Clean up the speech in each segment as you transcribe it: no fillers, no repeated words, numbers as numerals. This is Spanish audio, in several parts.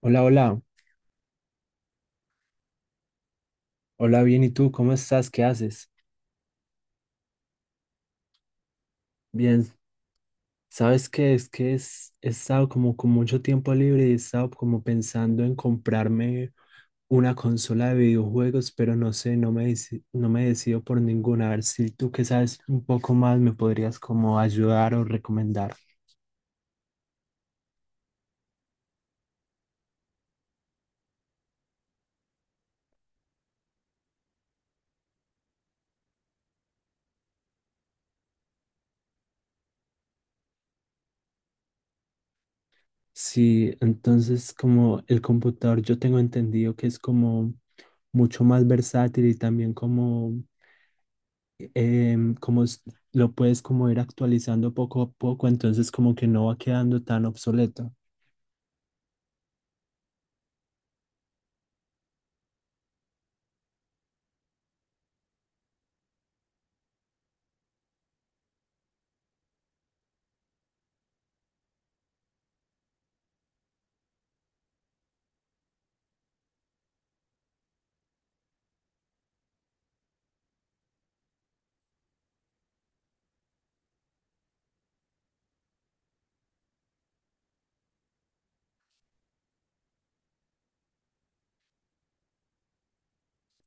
Hola, hola, hola, bien, ¿y tú cómo estás? ¿Qué haces? Bien, ¿sabes qué? Es que he estado como con mucho tiempo libre y he estado como pensando en comprarme una consola de videojuegos, pero no sé, no me decido por ninguna. A ver si tú que sabes un poco más me podrías como ayudar o recomendar. Sí, entonces como el computador yo tengo entendido que es como mucho más versátil y también como em, como s- lo puedes como ir actualizando poco a poco, entonces como que no va quedando tan obsoleto.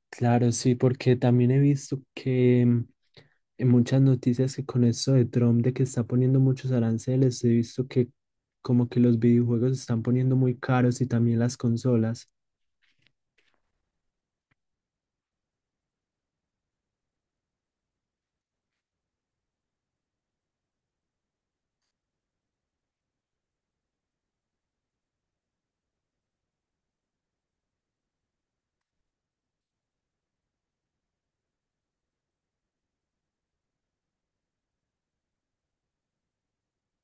Claro, sí, porque también he visto que en muchas noticias que con eso de Trump, de que está poniendo muchos aranceles, he visto que como que los videojuegos se están poniendo muy caros y también las consolas.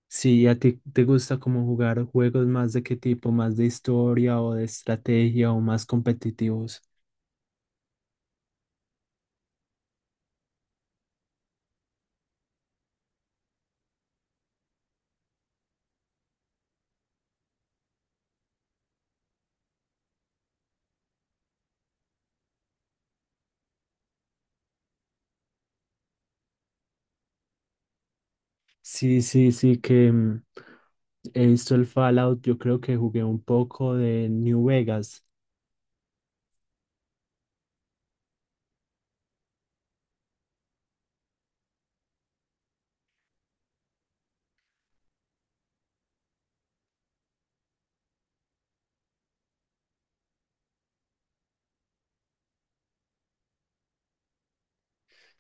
Sí, ¿a ti te gusta como jugar juegos más de qué tipo? ¿Más de historia o de estrategia o más competitivos? Sí, sí, sí, he visto el Fallout, yo creo que jugué un poco de New Vegas.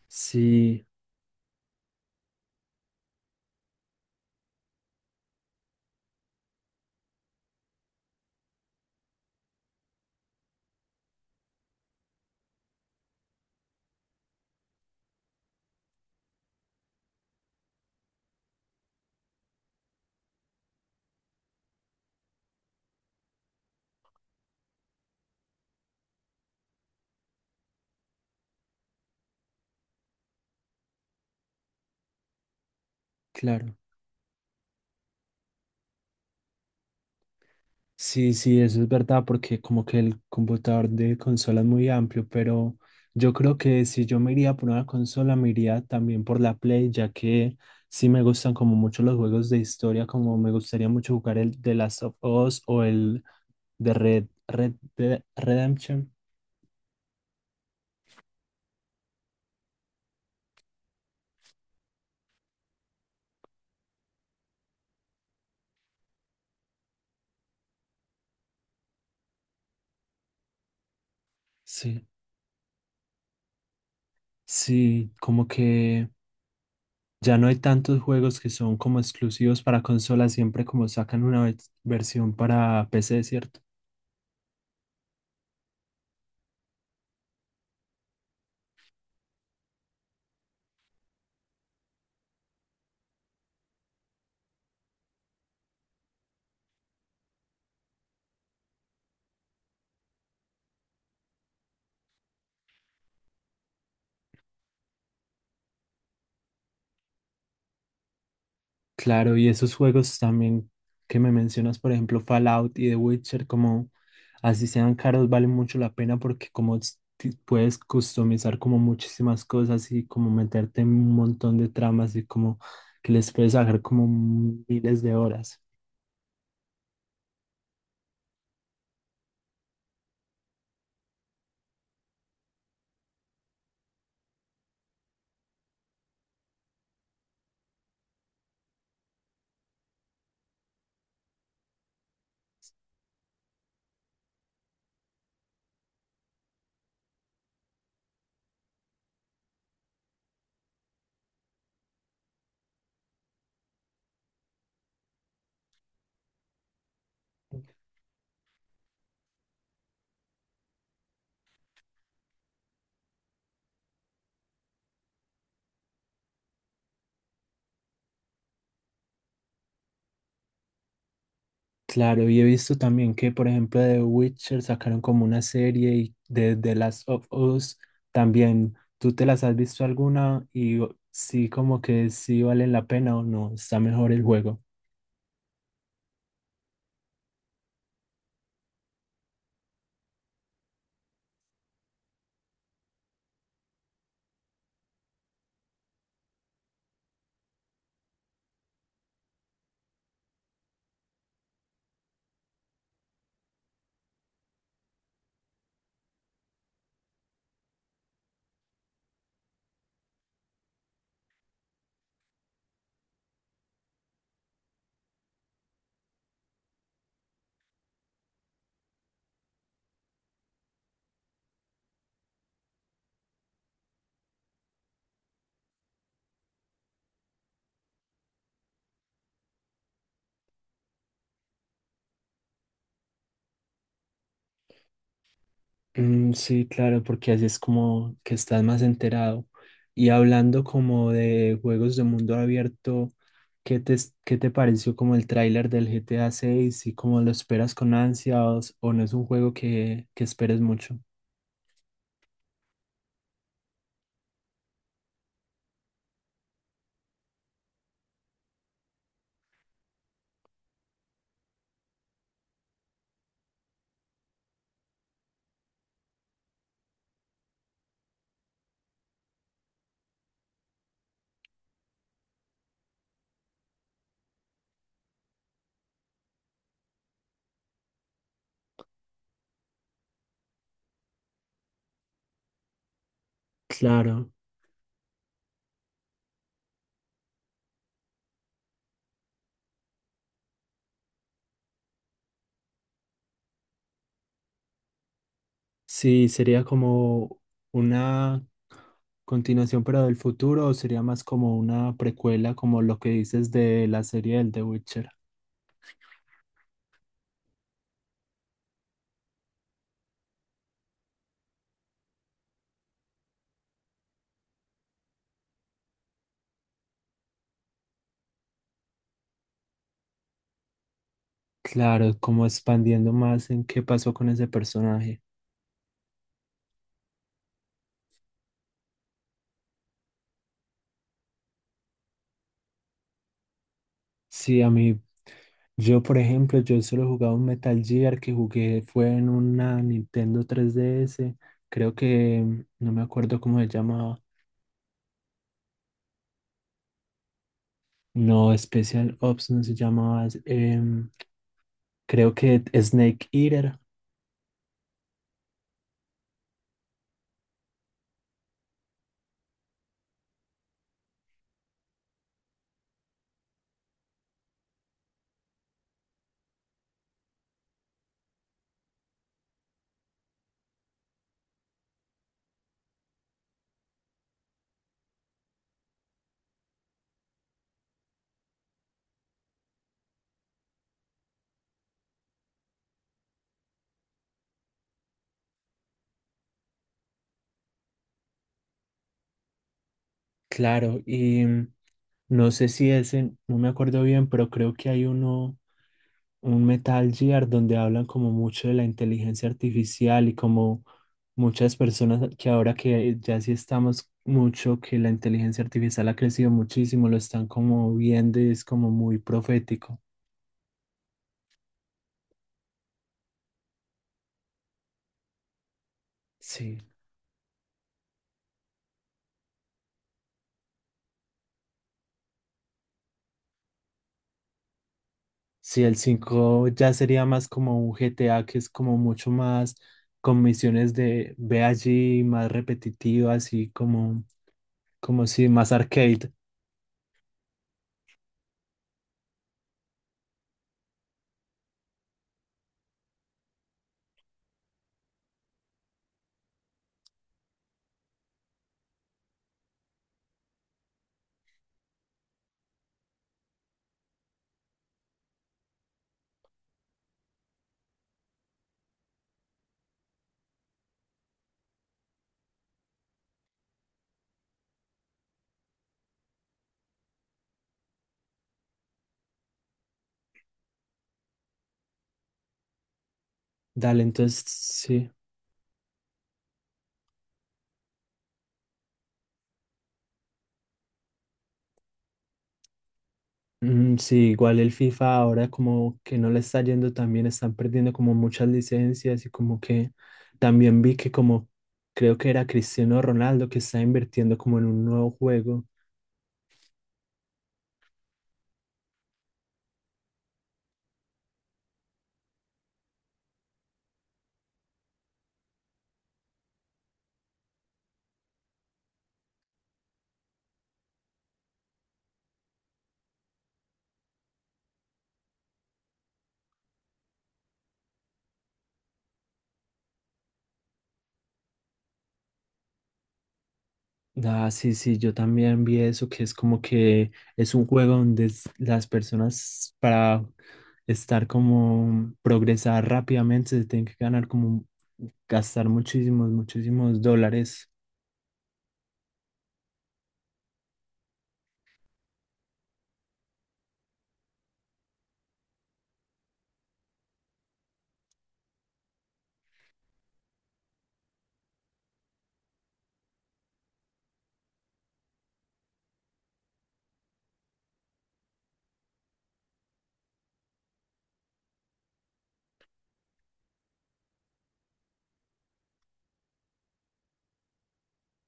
Sí, claro. Sí, sí, eso es verdad, porque como que el computador de consola es muy amplio, pero yo creo que si yo me iría por una consola, me iría también por la Play, ya que sí me gustan como mucho los juegos de historia, como me gustaría mucho jugar el The Last of Us o el de Red, Red Dead Redemption. Sí, sí, como que ya no hay tantos juegos que son como exclusivos para consolas, siempre como sacan una versión para PC, ¿cierto? Claro, y esos juegos también que me mencionas, por ejemplo, Fallout y The Witcher, como así sean caros, valen mucho la pena porque como puedes customizar como muchísimas cosas y como meterte en un montón de tramas y como que les puedes sacar como miles de horas. Claro, y he visto también que, por ejemplo, de Witcher sacaron como una serie y de The Last of Us también. ¿Tú te las has visto alguna? Sí, como que sí valen la pena o no, está mejor el juego. Mm, sí, claro, porque así es como que estás más enterado. Y hablando como de juegos de mundo abierto, ¿qué te, ¿qué te pareció como el tráiler del GTA 6 y cómo lo esperas con ansias o no es un juego que esperes mucho? Claro. Sí, sería como una continuación, pero del futuro, o sería más como una precuela, como lo que dices de la serie del The Witcher. Claro, como expandiendo más en qué pasó con ese personaje. Sí, a mí, yo por ejemplo, yo solo jugaba un Metal Gear que jugué fue en una Nintendo 3DS, creo que no me acuerdo cómo se llamaba. No, Special Ops no se llamaba, es, creo que Snake Eater. Claro, y no sé si ese, no me acuerdo bien, pero creo que hay uno, un Metal Gear donde hablan como mucho de la inteligencia artificial y como muchas personas que ahora que ya sí estamos mucho, que la inteligencia artificial ha crecido muchísimo, lo están como viendo y es como muy profético. Sí. Sí, el 5 ya sería más como un GTA que es como mucho más con misiones de ve allí, más repetitivo, así como, como si más arcade. Dale, entonces sí. Mm, sí, igual el FIFA ahora como que no le está yendo tan bien, están perdiendo como muchas licencias y como que también vi que como creo que era Cristiano Ronaldo que está invirtiendo como en un nuevo juego. Ah, sí, sí, yo también vi eso, que es como que es un juego donde las personas para estar como progresar rápidamente se tienen que ganar como gastar muchísimos, muchísimos dólares.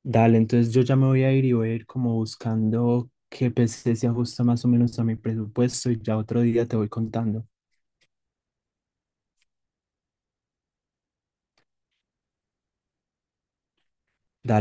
Dale, entonces yo ya me voy a ir y voy a ir como buscando qué PC se ajusta más o menos a mi presupuesto y ya otro día te voy contando. Dale.